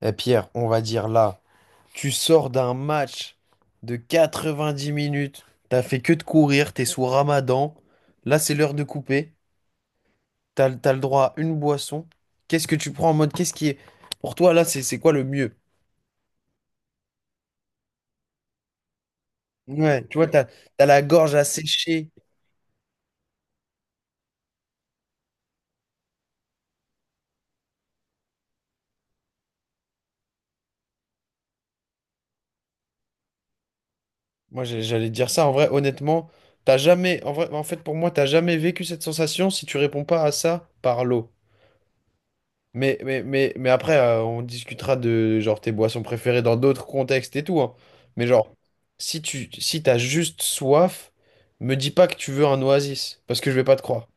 Eh Pierre, on va dire là, tu sors d'un match de 90 minutes, t'as fait que de courir, t'es sous Ramadan, là c'est l'heure de couper, t'as le droit à une boisson. Qu'est-ce que tu prends en mode, pour toi là, c'est quoi le mieux? Ouais, tu vois, t'as la gorge asséchée. Moi j'allais te dire ça, en vrai, honnêtement, t'as jamais, en vrai, en fait pour moi, t'as jamais vécu cette sensation si tu réponds pas à ça par l'eau. Mais après, on discutera de genre tes boissons préférées dans d'autres contextes et tout, hein. Mais genre, si t'as juste soif, me dis pas que tu veux un Oasis, parce que je vais pas te croire.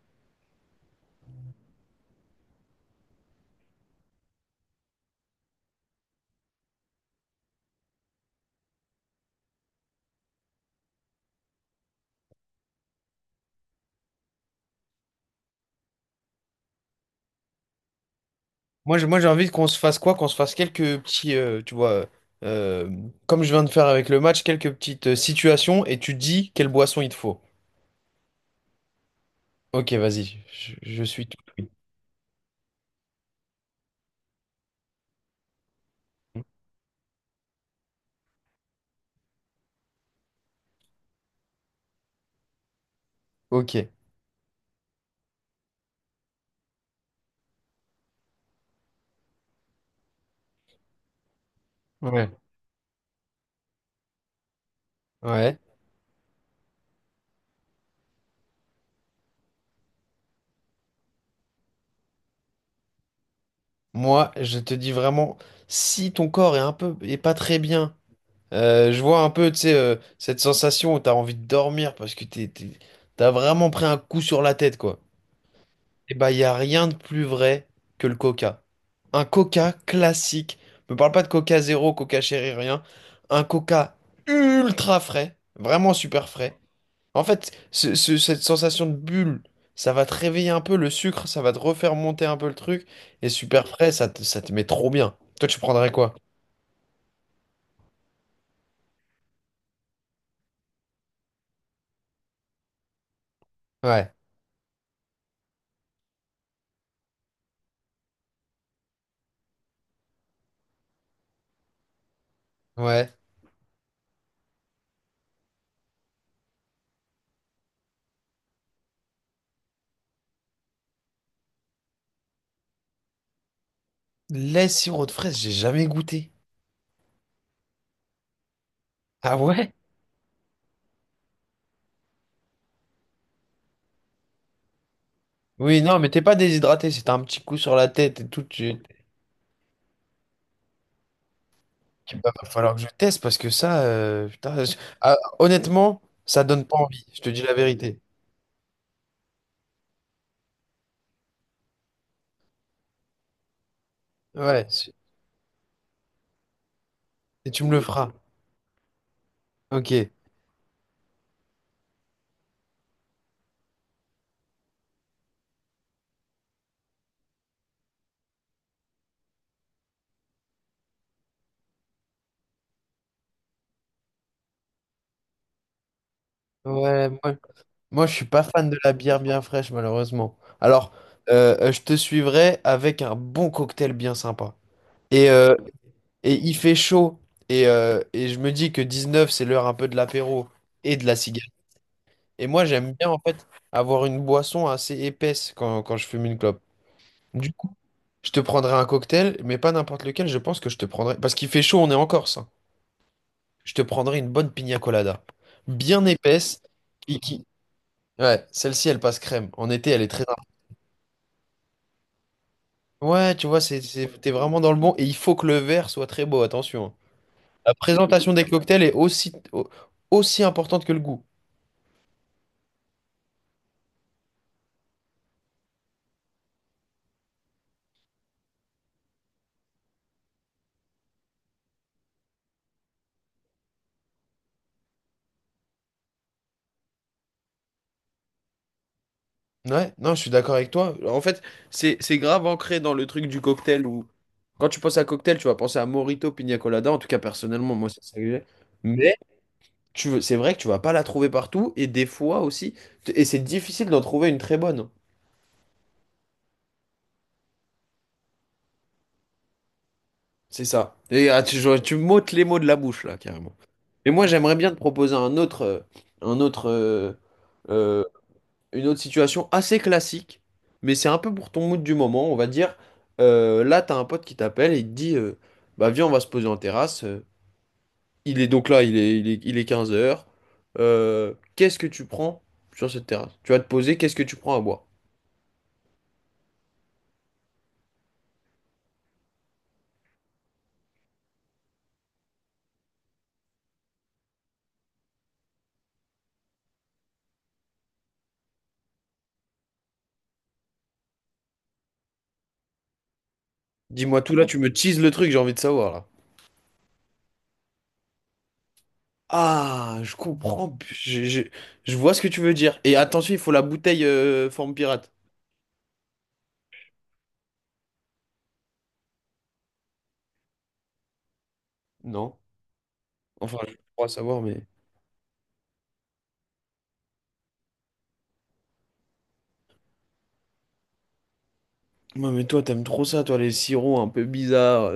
Moi j'ai envie qu'on se fasse quoi? Qu'on se fasse quelques petits, tu vois, euh, comme je viens de faire avec le match, quelques petites situations, et tu dis quelle boisson il te faut. Ok, vas-y, je suis tout oui. Ok. Ouais. Ouais. Moi, je te dis vraiment, si ton corps est un peu, est pas très bien. Je vois un peu, tu sais, cette sensation où t'as envie de dormir parce que t'as vraiment pris un coup sur la tête, quoi. Et bah, y a rien de plus vrai que le Coca. Un Coca classique. Me parle pas de Coca Zéro, Coca Chéri, rien. Un Coca ultra frais. Vraiment super frais. En fait, cette sensation de bulle, ça va te réveiller un peu le sucre, ça va te refaire monter un peu le truc. Et super frais, ça te met trop bien. Toi, tu prendrais quoi? Ouais. Ouais. Lait sirop de fraise, j'ai jamais goûté. Ah ouais? Oui, non, mais t'es pas déshydraté, c'est un petit coup sur la tête et tout. Tu... Il va falloir que je teste parce que ça, putain, ah, honnêtement, ça donne pas envie, je te dis la vérité. Ouais, et tu me le feras. Ok. Ouais, moi je suis pas fan de la bière bien fraîche, malheureusement. Alors, je te suivrai avec un bon cocktail bien sympa. Et, euh, et il fait chaud, et je me dis que 19 h c'est l'heure un peu de l'apéro et de la cigarette. Et moi, j'aime bien, en fait, avoir une boisson assez épaisse quand je fume une clope. Du coup, je te prendrai un cocktail, mais pas n'importe lequel. Je pense que je te prendrai... Parce qu'il fait chaud, on est en Corse, hein. Je te prendrai une bonne pina colada. Bien épaisse. Qui, qui... Ouais, celle-ci, elle passe crème. En été, elle est très... Ouais, tu vois, t'es vraiment dans le bon. Et il faut que le verre soit très beau, attention, hein. La présentation des cocktails est aussi, aussi importante que le goût. Ouais, non, je suis d'accord avec toi. En fait, c'est grave ancré dans le truc du cocktail où quand tu penses à cocktail, tu vas penser à Morito, Pina Colada. En tout cas, personnellement, moi, c'est ça que j'ai. Mais tu veux, c'est vrai que tu vas pas la trouver partout, et des fois aussi, et c'est difficile d'en trouver une très bonne. C'est ça. Et ah, tu m'ôtes les mots de la bouche là, carrément. Et moi, j'aimerais bien te proposer un autre euh, une autre situation assez classique, mais c'est un peu pour ton mood du moment, on va dire. Là, t'as un pote qui t'appelle et il te dit bah, viens, on va se poser en terrasse. Il est donc là, il est 15 h. Qu'est-ce que tu prends sur cette terrasse? Tu vas te poser, qu'est-ce que tu prends à boire? Dis-moi tout là, tu me teases le truc, j'ai envie de savoir là. Ah, je comprends, je vois ce que tu veux dire. Et attention, il faut la bouteille forme pirate. Non? Enfin, je crois savoir, mais. Ouais, mais toi, t'aimes trop ça, toi, les sirops un peu bizarres.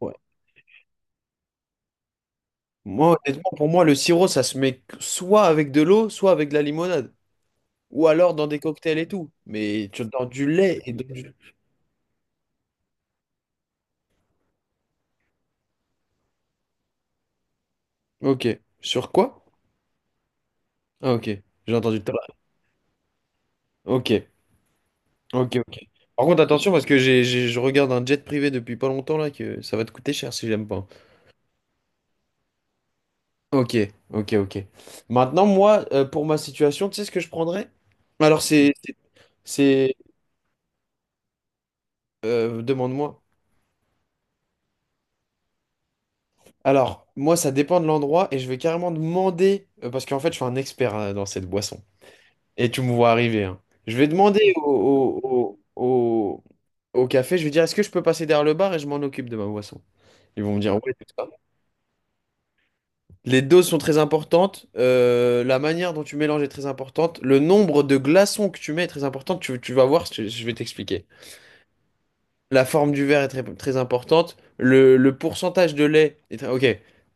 Ouais. Moi, honnêtement, pour moi, le sirop, ça se met soit avec de l'eau, soit avec de la limonade. Ou alors dans des cocktails et tout. Mais tu dans du lait et dans du- ok. Sur quoi? Ah, ok. J'ai entendu tout à l'heure. Ok. Ok, ok. Par contre, attention, parce que je regarde un jet privé depuis pas longtemps, là, que ça va te coûter cher si j'aime pas. Ok, ok, ok. Maintenant, moi, pour ma situation, tu sais ce que je prendrais? Alors, c'est... c'est- c'est- demande-moi. Alors, moi, ça dépend de l'endroit et je vais carrément demander, parce qu'en fait, je suis un expert, hein, dans cette boisson. Et tu me vois arriver, hein. Je vais demander au, au, au- au café, je vais dire, est-ce que je peux passer derrière le bar et je m'en occupe de ma boisson? Ils vont me dire, ouais, tout ça. Les doses sont très importantes, la manière dont tu mélanges est très importante, le nombre de glaçons que tu mets est très important, tu vas voir, je vais t'expliquer. La forme du verre est très, très importante. Le pourcentage de lait est très... Ok,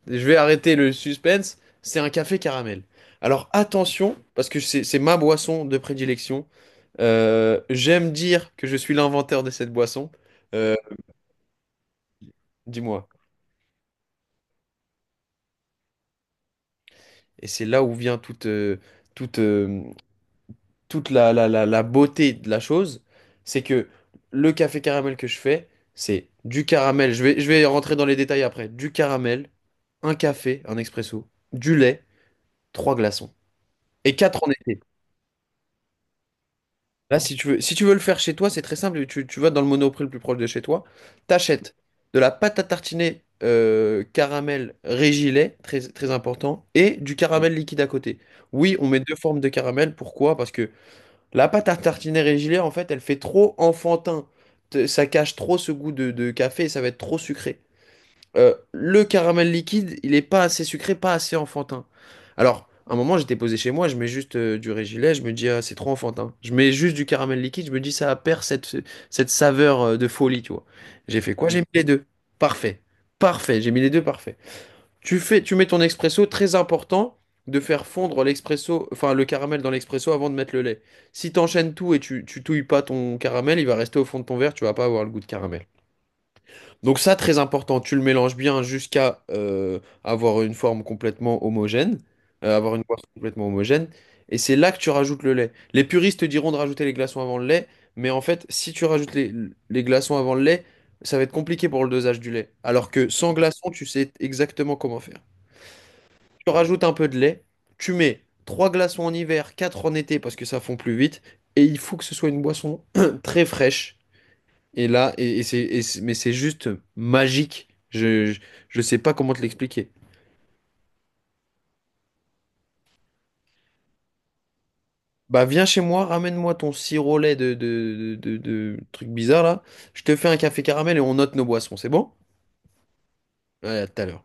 je vais arrêter le suspense. C'est un café caramel. Alors attention, parce que c'est ma boisson de prédilection. J'aime dire que je suis l'inventeur de cette boisson. Euh, Dis-moi. Et c'est là où vient toute, euh, toute la beauté de la chose, c'est que le café caramel que je fais, c'est du caramel, je vais rentrer dans les détails après, du caramel, un café, un expresso, du lait, trois glaçons. Et quatre en été. Là, si tu veux, le faire chez toi, c'est très simple, tu vas dans le Monoprix le plus proche de chez toi, t'achètes de la pâte à tartiner caramel régilet, très, très important, et du caramel liquide à côté. Oui, on met deux formes de caramel, pourquoi? Parce que la pâte à tartiner régulière, en fait, elle fait trop enfantin. Ça cache trop ce goût de café et ça va être trop sucré. Le caramel liquide, il est pas assez sucré, pas assez enfantin. Alors, à un moment, j'étais posé chez moi, je mets juste du régilet, je me dis, ah, c'est trop enfantin. Je mets juste du caramel liquide, je me dis, ça perd cette saveur de folie, tu vois. J'ai fait quoi? J'ai mis les deux. Parfait. Parfait. J'ai mis les deux, parfait. Tu fais, tu mets ton expresso. Très important de faire fondre l'expresso, enfin le caramel dans l'expresso avant de mettre le lait. Si t'enchaînes tout et tu touilles pas ton caramel, il va rester au fond de ton verre, tu vas pas avoir le goût de caramel. Donc ça, très important, tu le mélanges bien jusqu'à avoir une forme complètement homogène, avoir une forme complètement homogène, et c'est là que tu rajoutes le lait. Les puristes te diront de rajouter les glaçons avant le lait, mais en fait, si tu rajoutes les glaçons avant le lait, ça va être compliqué pour le dosage du lait. Alors que sans glaçons, tu sais exactement comment faire. Tu rajoutes un peu de lait, tu mets trois glaçons en hiver, quatre en été parce que ça fond plus vite, et il faut que ce soit une boisson très fraîche. Et là, mais c'est juste magique. Je sais pas comment te l'expliquer. Bah viens chez moi, ramène-moi ton sirop au lait de truc bizarre là. Je te fais un café caramel et on note nos boissons, c'est bon? Allez, à tout à l'heure.